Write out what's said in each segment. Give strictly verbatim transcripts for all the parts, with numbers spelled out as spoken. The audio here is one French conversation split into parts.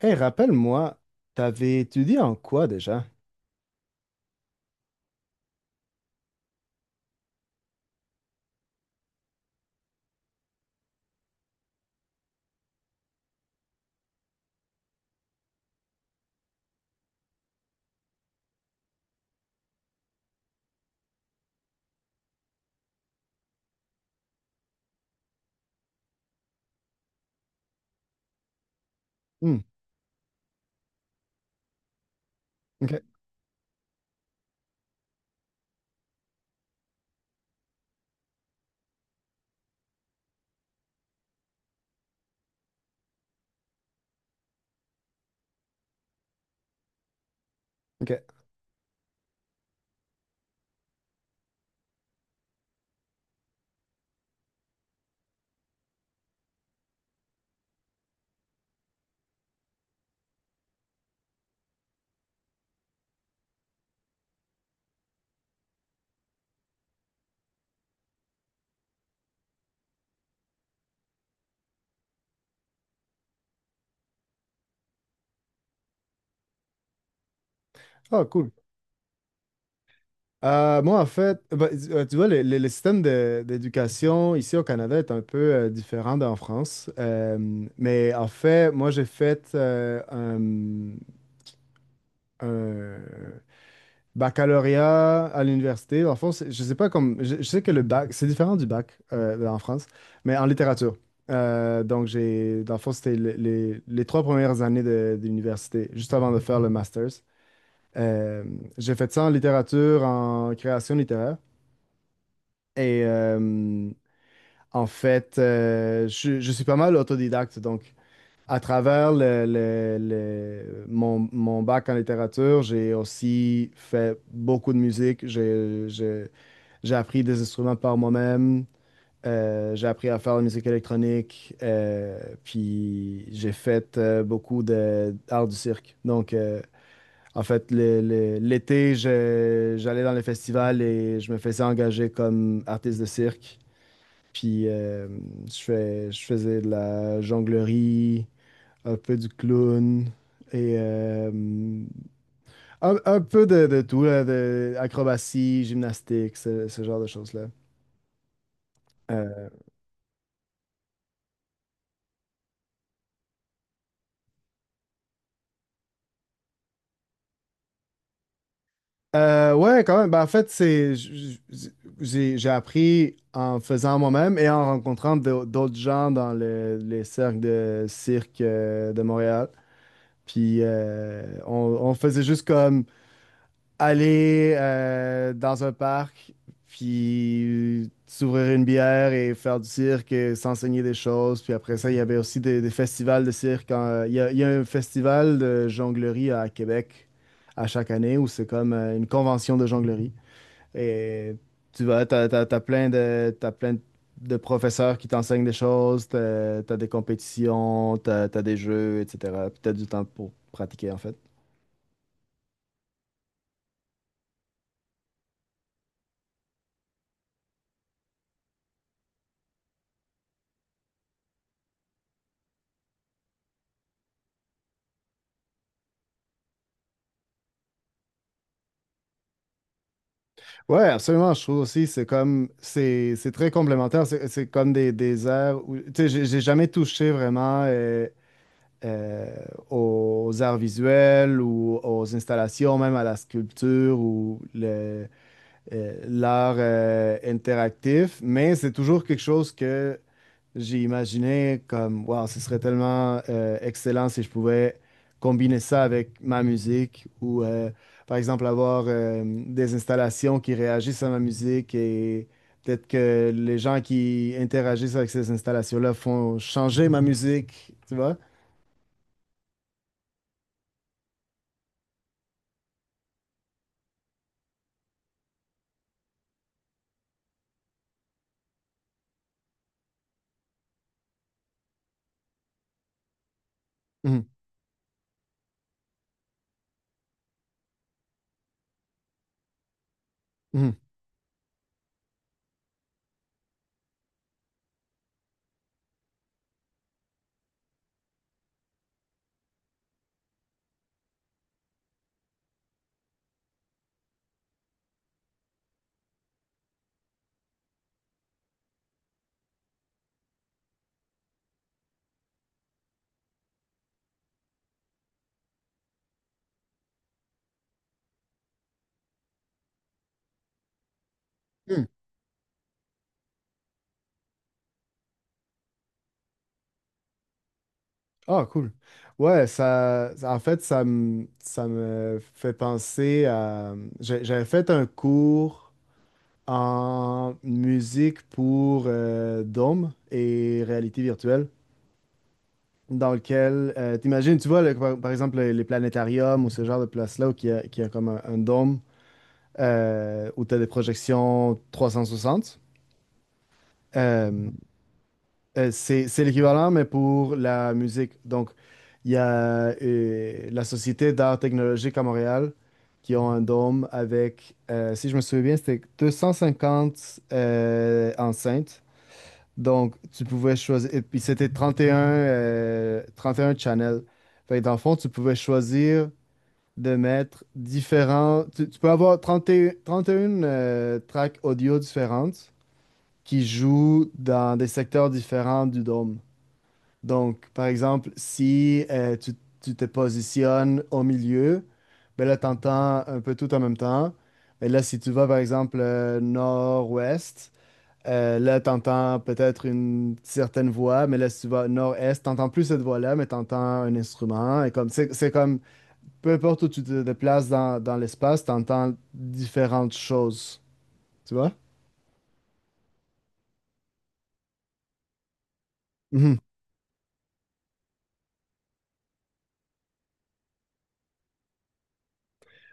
Hey, rappelle-moi, t'avais étudié en quoi déjà? Hmm, ok, ok. Oh, cool. Euh, moi, en fait, bah, euh, tu vois, le, le- le système de- d'éducation ici au Canada est un peu euh, différent d'en France. Euh, mais en fait, moi, j'ai fait euh, un, un- baccalauréat à l'université. En le fond, c'est- je sais pas comme. Je, je sais que le bac, c'est différent du bac euh, en France, mais en littérature. Euh, donc, j'ai, dans le fond, c'était le- les, les trois premières années de, d'université, juste avant de faire le master's. Euh, j'ai fait ça en littérature, en création littéraire. Et euh, en fait, euh, je, je suis pas mal autodidacte. Donc, à travers le, le- le- mon, mon bac en littérature, j'ai aussi fait beaucoup de musique. J'ai, j'ai appris des instruments par moi-même. Euh, j'ai appris à faire de la musique électronique. Euh, puis j'ai fait euh, beaucoup de d'art du cirque. Donc, euh, en fait, le- le- l'été, je- j'allais dans les festivals et je me faisais engager comme artiste de cirque. Puis euh, je fais- je faisais de la jonglerie, un peu du clown et euh, un, un peu de, de tout, là, de acrobatie, gymnastique, ce, ce genre de choses-là. Euh, Euh, ouais, quand même. Ben, en fait, c'est, j- j- j'ai j'ai appris en faisant moi-même et en rencontrant d'au- d'autres gens dans le- les cercles de cirque euh, de Montréal. Puis euh, on, on faisait juste comme aller euh, dans un parc, puis s'ouvrir une bière et faire du cirque et s'enseigner des choses. Puis après ça, il y avait aussi des, des festivals de cirque. en- Il y a, il y a un festival de jonglerie à Québec à chaque année où c'est comme euh, une convention de jonglerie. Et tu vas, t'as, t'as- t'as plein de, t'as plein de professeurs qui t'enseignent des choses, t'as, t'as des compétitions, t'as, t'as des jeux, et cetera. Puis t'as du temps pour pratiquer, en fait. Ouais, absolument. Je trouve aussi, c'est comme, c'est, c'est très complémentaire. C'est c'est comme des, des arts où, tu sais, j'ai j'ai jamais touché vraiment euh, euh, aux arts visuels ou aux installations, même à la sculpture ou le, euh, l'art euh, interactif, mais c'est toujours quelque chose que j'ai imaginé comme, wow, ce serait tellement euh, excellent si je pouvais combiner ça avec ma musique ou, euh, par exemple, avoir euh, des installations qui réagissent à ma musique et peut-être que les gens qui interagissent avec ces installations-là font changer ma musique, tu vois? Mhm, mhm. Ah, cool. Ouais, ça, ça- en fait, ça me, ça me fait penser à j'a- J'avais fait un cours en musique pour euh, dôme et réalité virtuelle, dans lequel, euh, t'imagines, tu vois, le- par, par exemple, les, les planétariums ou ce genre de place-là, où il y a, qu'il y a comme un, un dôme euh, où tu as des projections trois cent soixante. Euh, Euh, c'est, c'est l'équivalent, mais pour la musique. Donc, il y a euh, la Société d'art technologique à Montréal qui ont un dôme avec, euh, si je me souviens bien, c'était deux cent cinquante euh, enceintes. Donc, tu pouvais choisir, et puis c'était trente et un, euh, trente et un channels. Fait que dans le fond, tu pouvais choisir de mettre différents. Tu, tu peux avoir trente et- trente et un euh, tracks audio différentes qui jouent dans des secteurs différents du dôme. Donc, par exemple, si euh, tu, tu te positionnes au milieu, ben là, tu entends un peu tout en même temps. Mais là, si tu vas, par exemple, euh, nord-ouest, euh, là, tu entends peut-être une certaine voix, mais là, si tu vas nord-est, tu n'entends plus cette voix-là, mais tu entends un instrument. Et comme, c'est, c'est comme, peu importe où tu te déplaces dans, dans l'espace, tu entends différentes choses. Tu vois?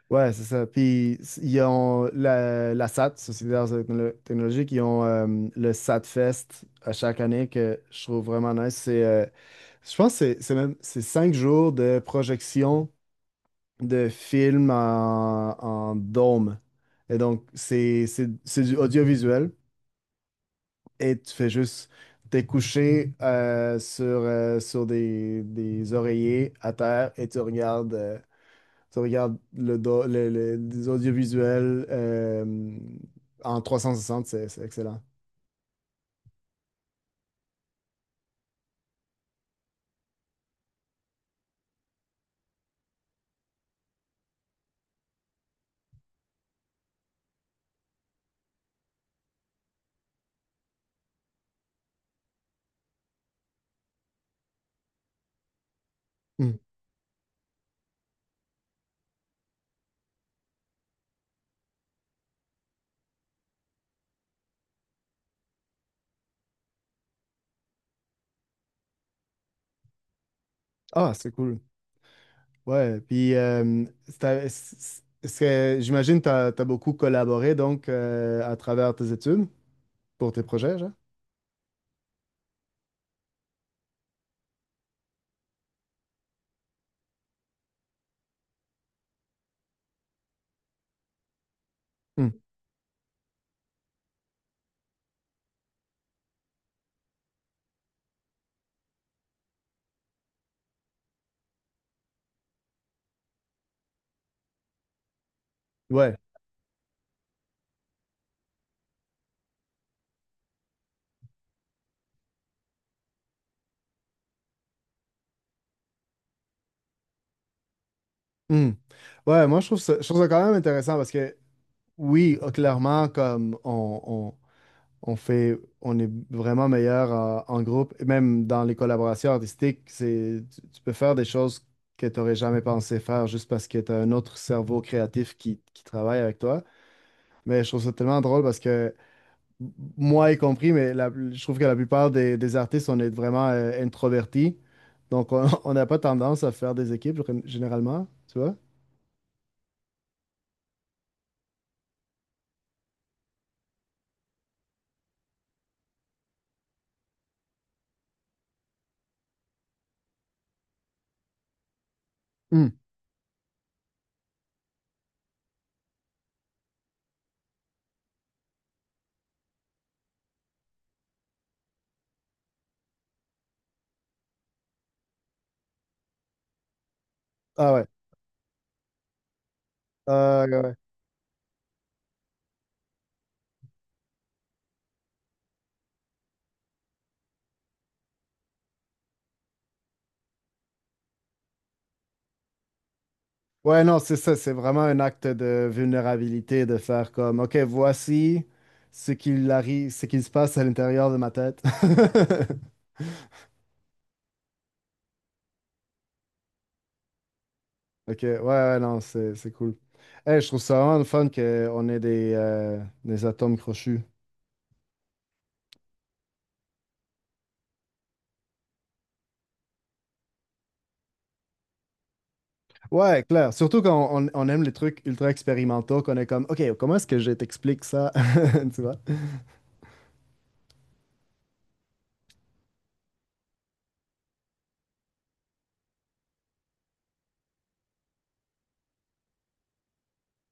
Ouais, c'est ça. Puis s- ils ont la, la S A T, Société d'Arts et Technolo- Technologiques, ils ont euh, le S A T Fest à chaque année que je trouve vraiment nice. C'est, euh, je pense que c'est c'est même c'est cinq jours de projection de films en, en dôme. Et donc, c'est c'est- c'est du audiovisuel et tu fais juste t'es couché euh, sur, euh, sur des, des oreillers à terre et tu regardes. Euh, tu regardes le, do- le- le- les audiovisuels euh, en trois cent soixante. C'est c'est excellent. Hmm. Ah, c'est cool. Ouais, puis euh, c'est- à- c'est- c'est- j'imagine que tu as, beaucoup collaboré donc euh, à travers tes études. Pour tes projets, genre? Hmm. Ouais. Hmm. Ouais, moi, je trouve ça, je trouve ça quand même intéressant parce que, oui, euh, clairement, comme on, on, on fait, on est vraiment meilleur en, en groupe, et même dans les collaborations artistiques, c'est, tu, tu peux faire des choses que tu n'aurais jamais pensé faire juste parce que tu as un autre cerveau créatif qui, qui travaille avec toi. Mais je trouve ça tellement drôle parce que, moi y compris, mais la- je trouve que la plupart des, des artistes, on est vraiment euh, introvertis. Donc, on on n'a pas tendance à faire des équipes gén- généralement, tu vois? Hmm. Ah ouais. Euh, ouais. Ouais, non, c'est ça. C'est vraiment un acte de vulnérabilité de faire comme, OK, voici ce qu'il arrive, ce qu'il se passe à l'intérieur de ma tête. OK, ouais, ouais, non, c'est c'est cool. Hey, je trouve ça vraiment le fun qu'on ait des, euh, des atomes crochus. Ouais, clair. Surtout quand on, on aime les trucs ultra expérimentaux, qu'on est comme, OK, comment est-ce que je t'explique ça? Tu vois?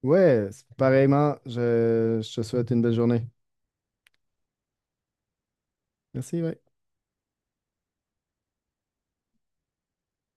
Ouais, c'est pareillement, je, je te souhaite une belle journée. Merci, ouais.